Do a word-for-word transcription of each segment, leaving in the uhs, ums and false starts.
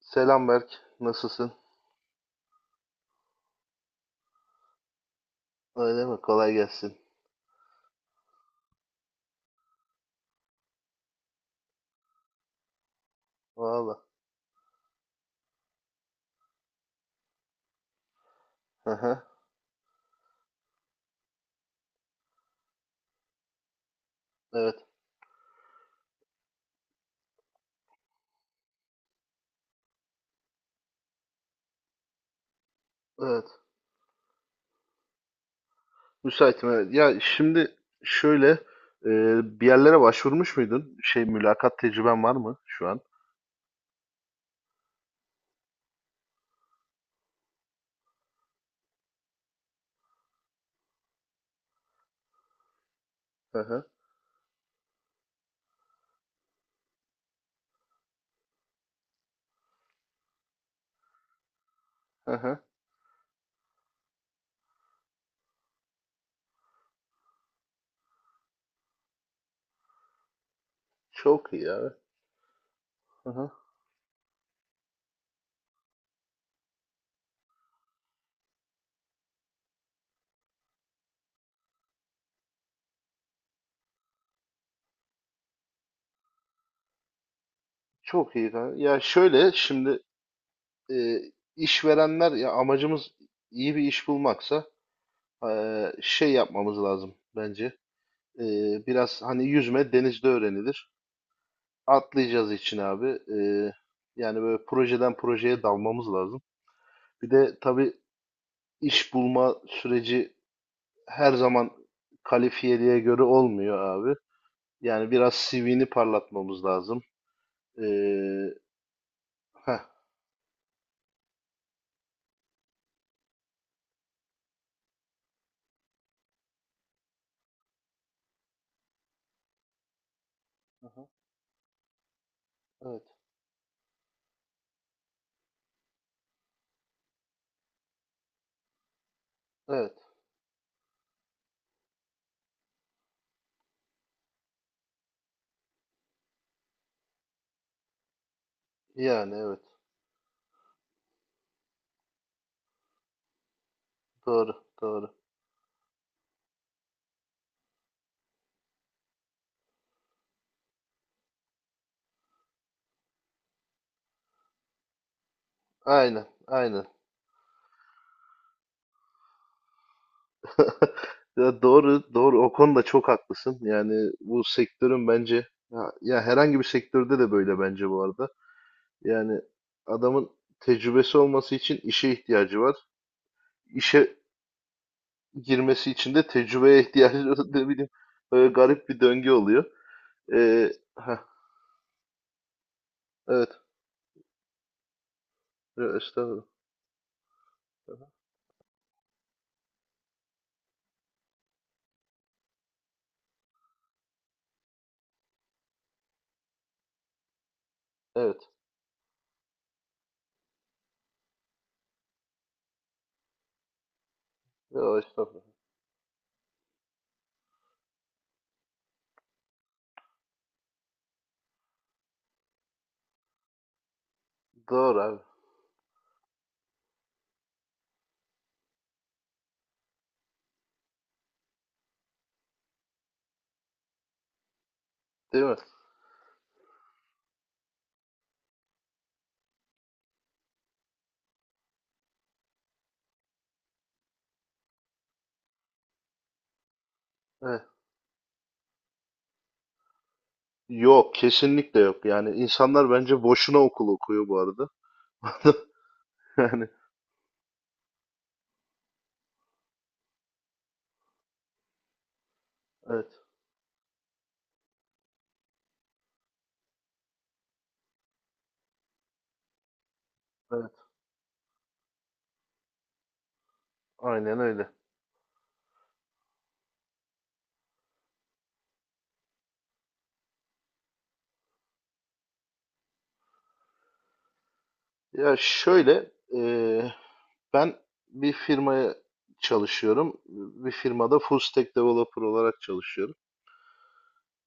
Selam Berk. Nasılsın? Öyle mi? Kolay gelsin. Valla. Hı hı. Evet. Evet. Müsaitim, evet. Ya şimdi şöyle, e, bir yerlere başvurmuş muydun? Şey, mülakat tecrüben var mı şu an? Hı hı. Hı hı. Çok iyi abi. Hı hı. Çok iyi, kanka. Ya şöyle şimdi, e, işverenler, ya amacımız iyi bir iş bulmaksa, e, şey yapmamız lazım bence. E, Biraz hani yüzme denizde öğrenilir. Atlayacağız için abi. Ee, yani böyle projeden projeye dalmamız lazım. Bir de tabii iş bulma süreci her zaman kalifiyeliğe göre olmuyor abi. Yani biraz C V'ni parlatmamız lazım. Ee, heh, aha, evet, evet. Yani evet. Doğru, doğru. Aynen, aynen. Ya doğru, doğru. O konuda çok haklısın. Yani bu sektörün bence, ya, ya herhangi bir sektörde de böyle bence bu arada. Yani adamın tecrübesi olması için işe ihtiyacı var. İşe girmesi için de tecrübeye ihtiyacı var. Ne bileyim. Böyle garip bir döngü oluyor. Ee, heh, evet. Yo, estağfurullah. Evet. Yo, estağfurullah. Doğru abi. Değil mi? Evet. Yok. Kesinlikle yok. Yani insanlar bence boşuna okul okuyor bu arada. Yani evet. Evet. Aynen öyle. Ya şöyle. ee, Ben bir firmaya çalışıyorum. Bir firmada full stack developer olarak çalışıyorum.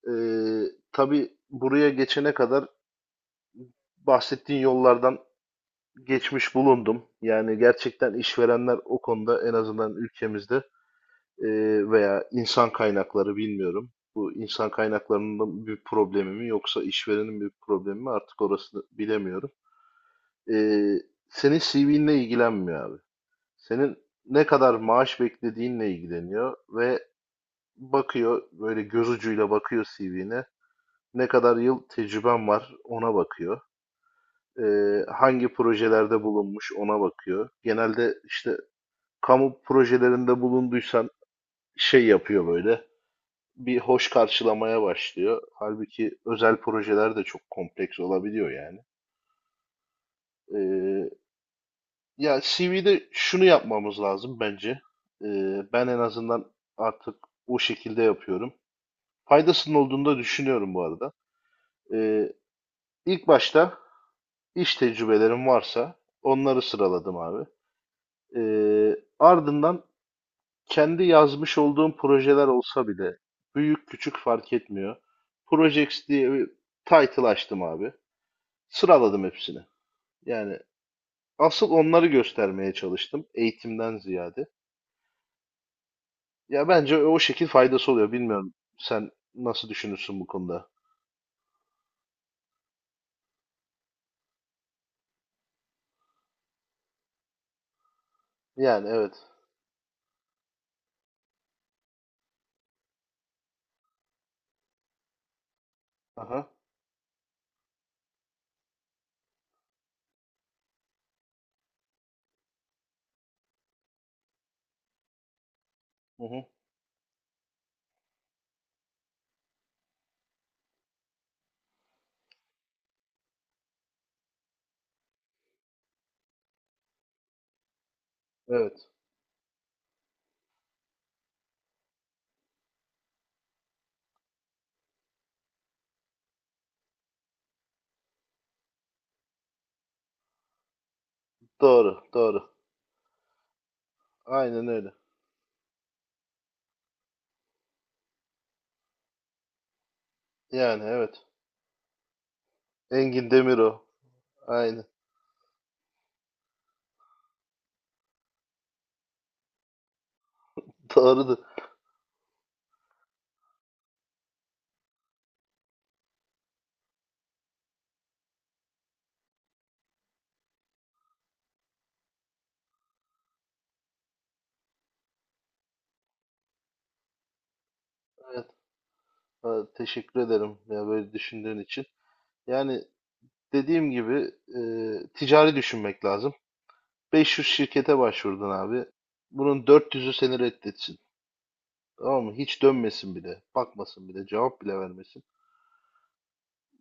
Ee, tabii buraya geçene kadar bahsettiğin yollardan geçmiş bulundum. Yani gerçekten işverenler o konuda en azından ülkemizde, e, veya insan kaynakları, bilmiyorum. Bu insan kaynaklarının bir problemi mi yoksa işverenin bir problemi mi, artık orasını bilemiyorum. Ee, Senin C V'nle ilgilenmiyor abi. Senin ne kadar maaş beklediğinle ilgileniyor ve bakıyor, böyle göz ucuyla bakıyor C V'ne. Ne kadar yıl tecrüben var, ona bakıyor. Ee, hangi projelerde bulunmuş, ona bakıyor. Genelde işte kamu projelerinde bulunduysan şey yapıyor böyle. Bir hoş karşılamaya başlıyor. Halbuki özel projeler de çok kompleks olabiliyor yani. Ee, ya C V'de şunu yapmamız lazım bence. Ee, ben en azından artık o şekilde yapıyorum. Faydasının olduğunu da düşünüyorum bu arada. Ee, İlk başta iş tecrübelerim varsa onları sıraladım abi. Ee, ardından kendi yazmış olduğum projeler olsa bile, büyük küçük fark etmiyor, Projects diye bir title açtım abi. Sıraladım hepsini. Yani asıl onları göstermeye çalıştım, eğitimden ziyade. Ya bence o şekil faydası oluyor. Bilmiyorum, sen nasıl düşünürsün bu konuda? Yani evet. Aha. Hı hı. Evet. Doğru, doğru. Aynen öyle. Yani evet. Engin Demiro. Aynen. Doğrudur. Evet. Ha, teşekkür ederim ya böyle düşündüğün için. Yani dediğim gibi, e, ticari düşünmek lazım. beş yüz şirkete başvurdun abi. Bunun dört yüzü seni reddetsin. Tamam mı? Hiç dönmesin bile. Bakmasın bile. Cevap bile vermesin.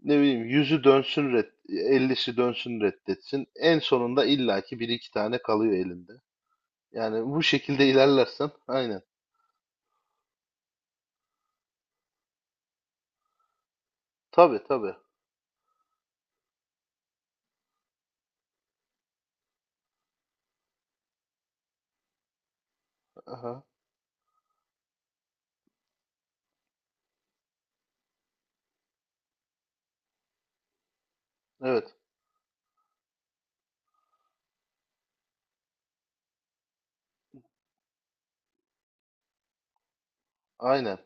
Ne bileyim, yüzü dönsün red, ellisi dönsün reddetsin. En sonunda illaki bir iki tane kalıyor elinde. Yani bu şekilde ilerlersen, aynen. Tabii tabii. Aha. Evet. Aynen.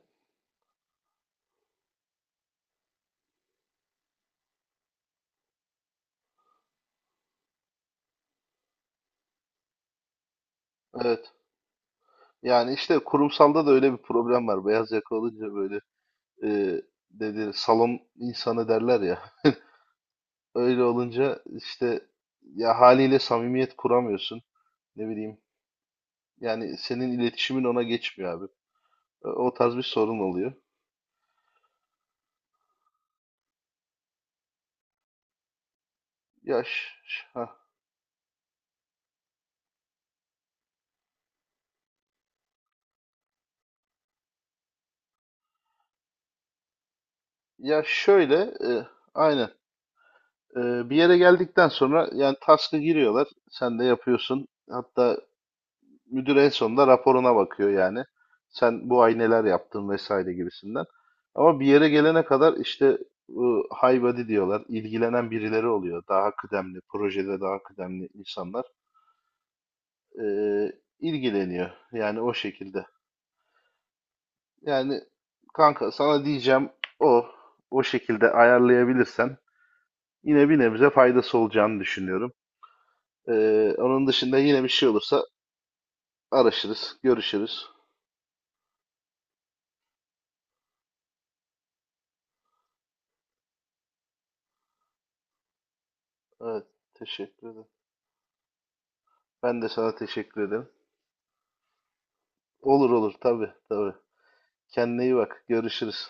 Evet. Yani işte kurumsalda da öyle bir problem var. Beyaz yaka olunca böyle, e, dedi salon insanı derler ya. Öyle olunca işte, ya haliyle samimiyet kuramıyorsun. Ne bileyim. Yani senin iletişimin ona geçmiyor abi. E, o tarz bir sorun oluyor. Ya ş- ş- ha. Ya şöyle, e, aynen. E, bir yere geldikten sonra yani task'a giriyorlar. Sen de yapıyorsun. Hatta müdür en sonunda raporuna bakıyor yani. Sen bu ay neler yaptın vesaire gibisinden. Ama bir yere gelene kadar işte bu high body diyorlar, ilgilenen birileri oluyor. Daha kıdemli, projede daha kıdemli insanlar eee, ilgileniyor. Yani o şekilde. Yani kanka, sana diyeceğim o. O şekilde ayarlayabilirsen yine bir nebze faydası olacağını düşünüyorum. Eee, onun dışında yine bir şey olursa araşırız, görüşürüz. Evet, teşekkür ederim. Ben de sana teşekkür ederim. Olur olur, tabii tabii. Kendine iyi bak. Görüşürüz.